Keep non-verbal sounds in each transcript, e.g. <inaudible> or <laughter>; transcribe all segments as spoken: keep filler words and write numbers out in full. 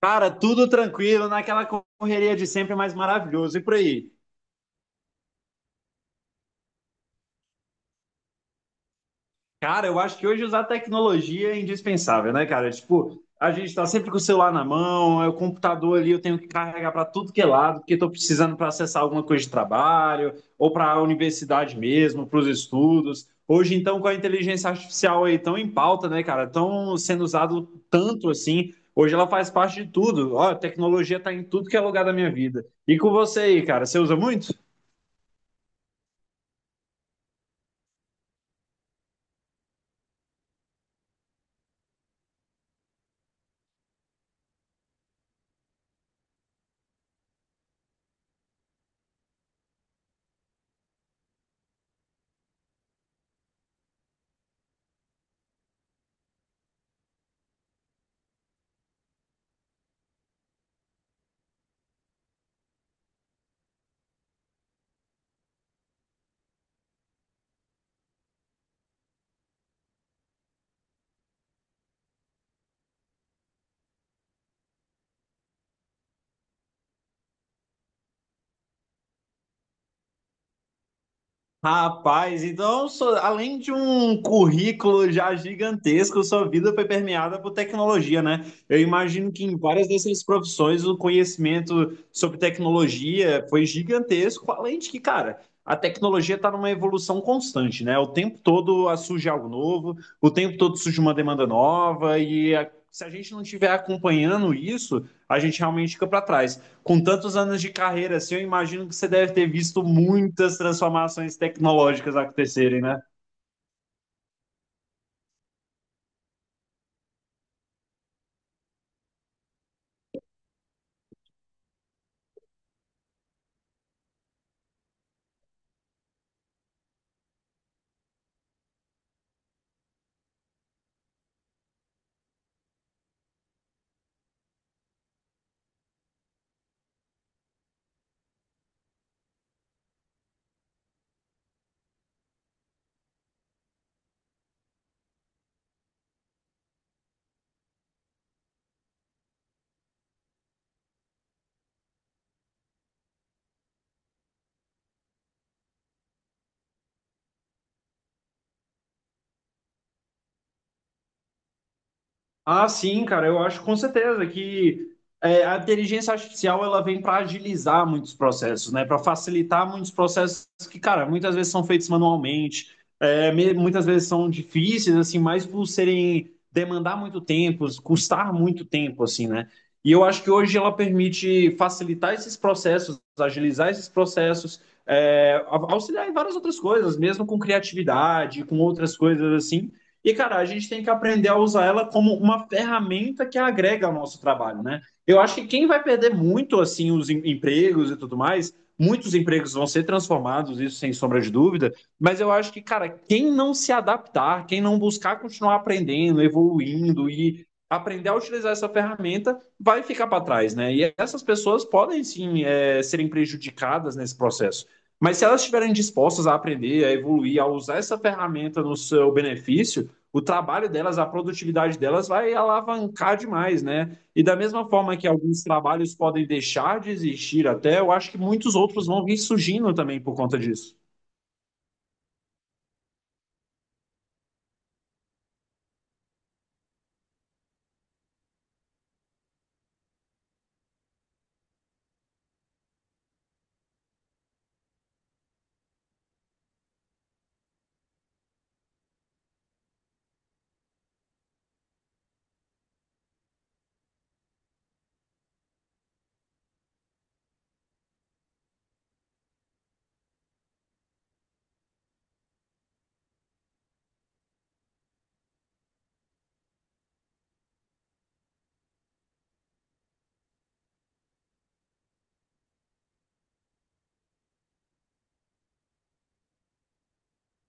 Cara, tudo tranquilo, naquela correria de sempre, mais maravilhoso. E por aí? Cara, eu acho que hoje usar tecnologia é indispensável, né, cara? Tipo, a gente tá sempre com o celular na mão, é o computador ali, eu tenho que carregar para tudo que é lado, porque tô precisando para acessar alguma coisa de trabalho, ou para a universidade mesmo, para os estudos. Hoje, então, com a inteligência artificial aí tão em pauta, né, cara? Tão sendo usado tanto assim. Hoje ela faz parte de tudo. Ó, a tecnologia tá em tudo que é lugar da minha vida. E com você aí, cara, você usa muito? Rapaz, então, so- além de um currículo já gigantesco, sua vida foi permeada por tecnologia, né? Eu imagino que em várias dessas profissões o conhecimento sobre tecnologia foi gigantesco, além de que, cara, a tecnologia está numa evolução constante, né? O tempo todo ah, surge algo novo, o tempo todo surge uma demanda nova, e a- se a gente não estiver acompanhando isso, a gente realmente fica para trás. Com tantos anos de carreira assim, eu imagino que você deve ter visto muitas transformações tecnológicas acontecerem, né? Ah, sim, cara, eu acho com certeza que é, a inteligência artificial ela vem para agilizar muitos processos, né? Para facilitar muitos processos que, cara, muitas vezes são feitos manualmente, é, me- muitas vezes são difíceis, assim, mas por serem demandar muito tempo, custar muito tempo, assim, né? E eu acho que hoje ela permite facilitar esses processos, agilizar esses processos, é, au- auxiliar em várias outras coisas, mesmo com criatividade, com outras coisas assim. E, cara, a gente tem que aprender a usar ela como uma ferramenta que agrega ao nosso trabalho, né? Eu acho que quem vai perder muito, assim, os em- empregos e tudo mais, muitos empregos vão ser transformados, isso sem sombra de dúvida, mas eu acho que, cara, quem não se adaptar, quem não buscar continuar aprendendo, evoluindo e aprender a utilizar essa ferramenta, vai ficar para trás, né? E essas pessoas podem, sim, é, serem prejudicadas nesse processo. Mas se elas estiverem dispostas a aprender, a evoluir, a usar essa ferramenta no seu benefício, o trabalho delas, a produtividade delas vai alavancar demais, né? E da mesma forma que alguns trabalhos podem deixar de existir até, eu acho que muitos outros vão vir surgindo também por conta disso.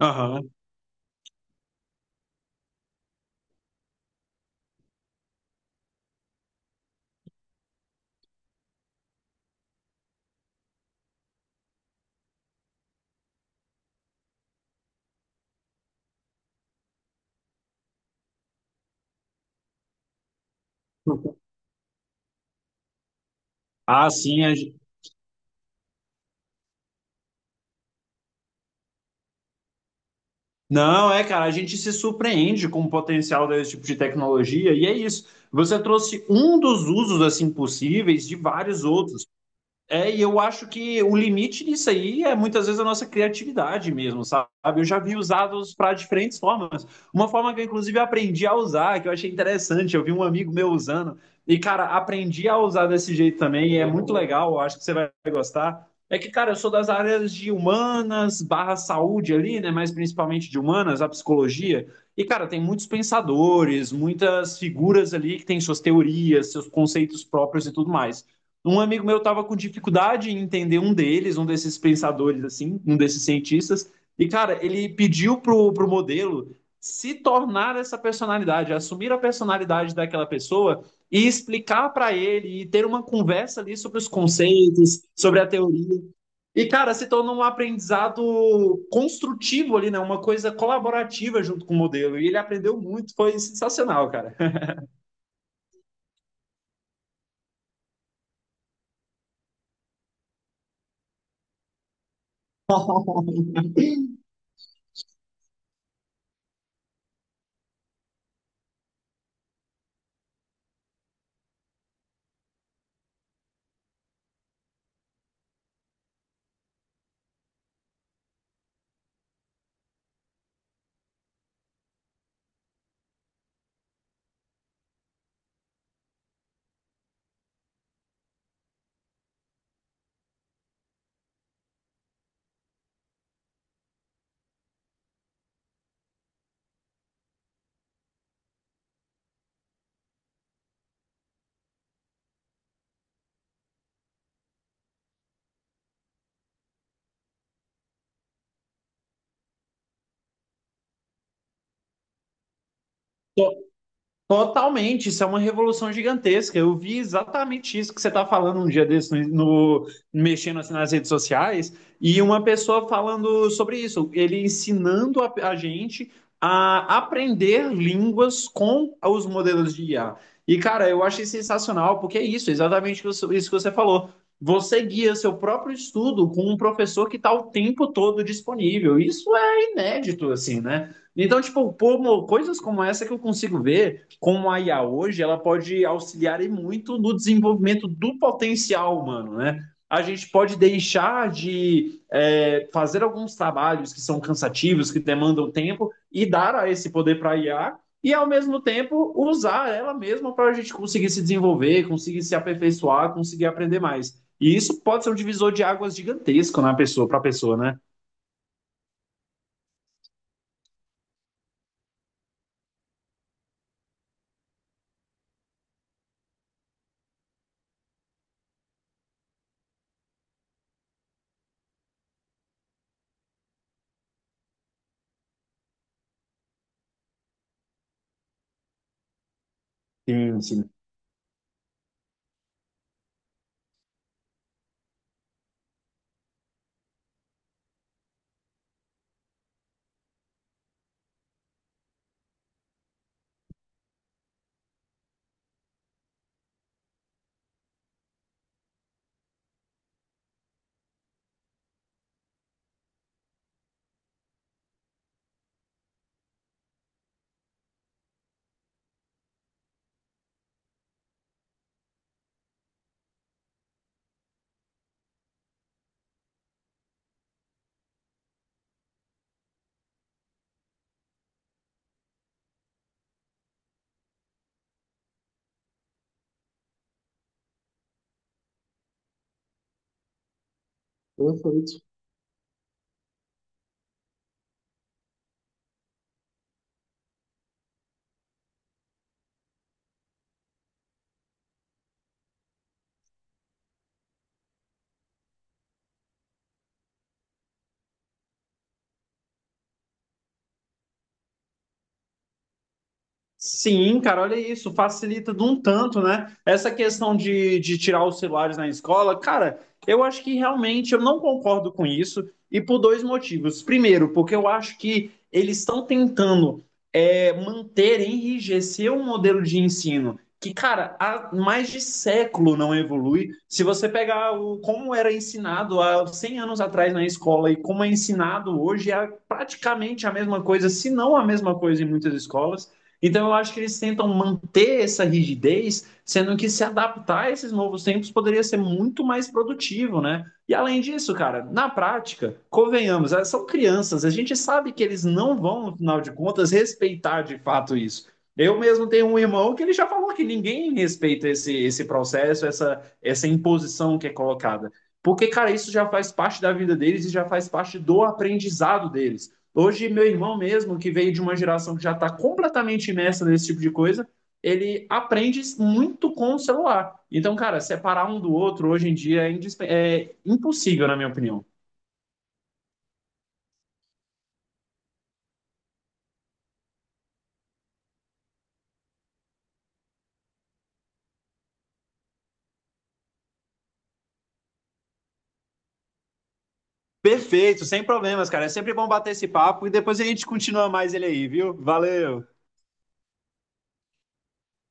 Aham. Ah, sim. a gen- Não, é, cara, a gente se surpreende com o potencial desse tipo de tecnologia, e é isso. Você trouxe um dos usos, assim, possíveis de vários outros. É, e eu acho que o limite disso aí é muitas vezes a nossa criatividade mesmo, sabe? Eu já vi usados para diferentes formas. Uma forma que eu, inclusive, aprendi a usar, que eu achei interessante, eu vi um amigo meu usando, e, cara, aprendi a usar desse jeito também, e é muito legal, eu acho que você vai gostar. É que, cara, eu sou das áreas de humanas, barra saúde ali, né? Mas principalmente de humanas, a psicologia. E, cara, tem muitos pensadores, muitas figuras ali que têm suas teorias, seus conceitos próprios e tudo mais. Um amigo meu estava com dificuldade em entender um deles, um desses pensadores, assim, um desses cientistas. E, cara, ele pediu pro, pro modelo se tornar essa personalidade, assumir a personalidade daquela pessoa e explicar para ele e ter uma conversa ali sobre os conceitos, sobre a teoria. E, cara, se tornou um aprendizado construtivo ali, né? Uma coisa colaborativa junto com o modelo. E ele aprendeu muito, foi sensacional, cara. <laughs> Totalmente, isso é uma revolução gigantesca. Eu vi exatamente isso que você está falando um dia desse, no, no- mexendo assim nas redes sociais, e uma pessoa falando sobre isso, ele ensinando a, a gente a aprender línguas com os modelos de I A. E, cara, eu achei sensacional, porque é isso, exatamente isso isso que você falou. Você guia seu próprio estudo com um professor que está o tempo todo disponível. Isso é inédito, assim, né? Então, tipo, pô, mo- coisas como essa que eu consigo ver como a I A hoje, ela pode auxiliar muito no desenvolvimento do potencial humano, né? A gente pode deixar de é, fazer alguns trabalhos que são cansativos, que demandam tempo, e dar a esse poder para a I A, e ao mesmo tempo usar ela mesma para a gente conseguir se desenvolver, conseguir se aperfeiçoar, conseguir aprender mais. E isso pode ser um divisor de águas gigantesco na pessoa, para a pessoa, né? Sim, sim. Perfeito. Sim, cara, olha isso, facilita de um tanto, né? Essa questão de, de tirar os celulares na escola, cara, eu acho que realmente eu não concordo com isso, e por dois motivos. Primeiro, porque eu acho que eles estão tentando é, manter, enrijecer um modelo de ensino que, cara, há mais de século não evolui. Se você pegar o, como era ensinado há cem anos atrás na escola e como é ensinado hoje, é praticamente a mesma coisa, se não a mesma coisa em muitas escolas. Então eu acho que eles tentam manter essa rigidez, sendo que se adaptar a esses novos tempos poderia ser muito mais produtivo, né? E além disso, cara, na prática, convenhamos, elas são crianças, a gente sabe que eles não vão, no final de contas, respeitar de fato isso. Eu mesmo tenho um irmão que ele já falou que ninguém respeita esse, esse processo, essa, essa imposição que é colocada. Porque, cara, isso já faz parte da vida deles e já faz parte do aprendizado deles. Hoje, meu irmão mesmo, que veio de uma geração que já está completamente imersa nesse tipo de coisa, ele aprende muito com o celular. Então, cara, separar um do outro hoje em dia é, indisp... é impossível, na minha opinião. Perfeito, sem problemas, cara. É sempre bom bater esse papo e depois a gente continua mais ele aí, viu? Valeu!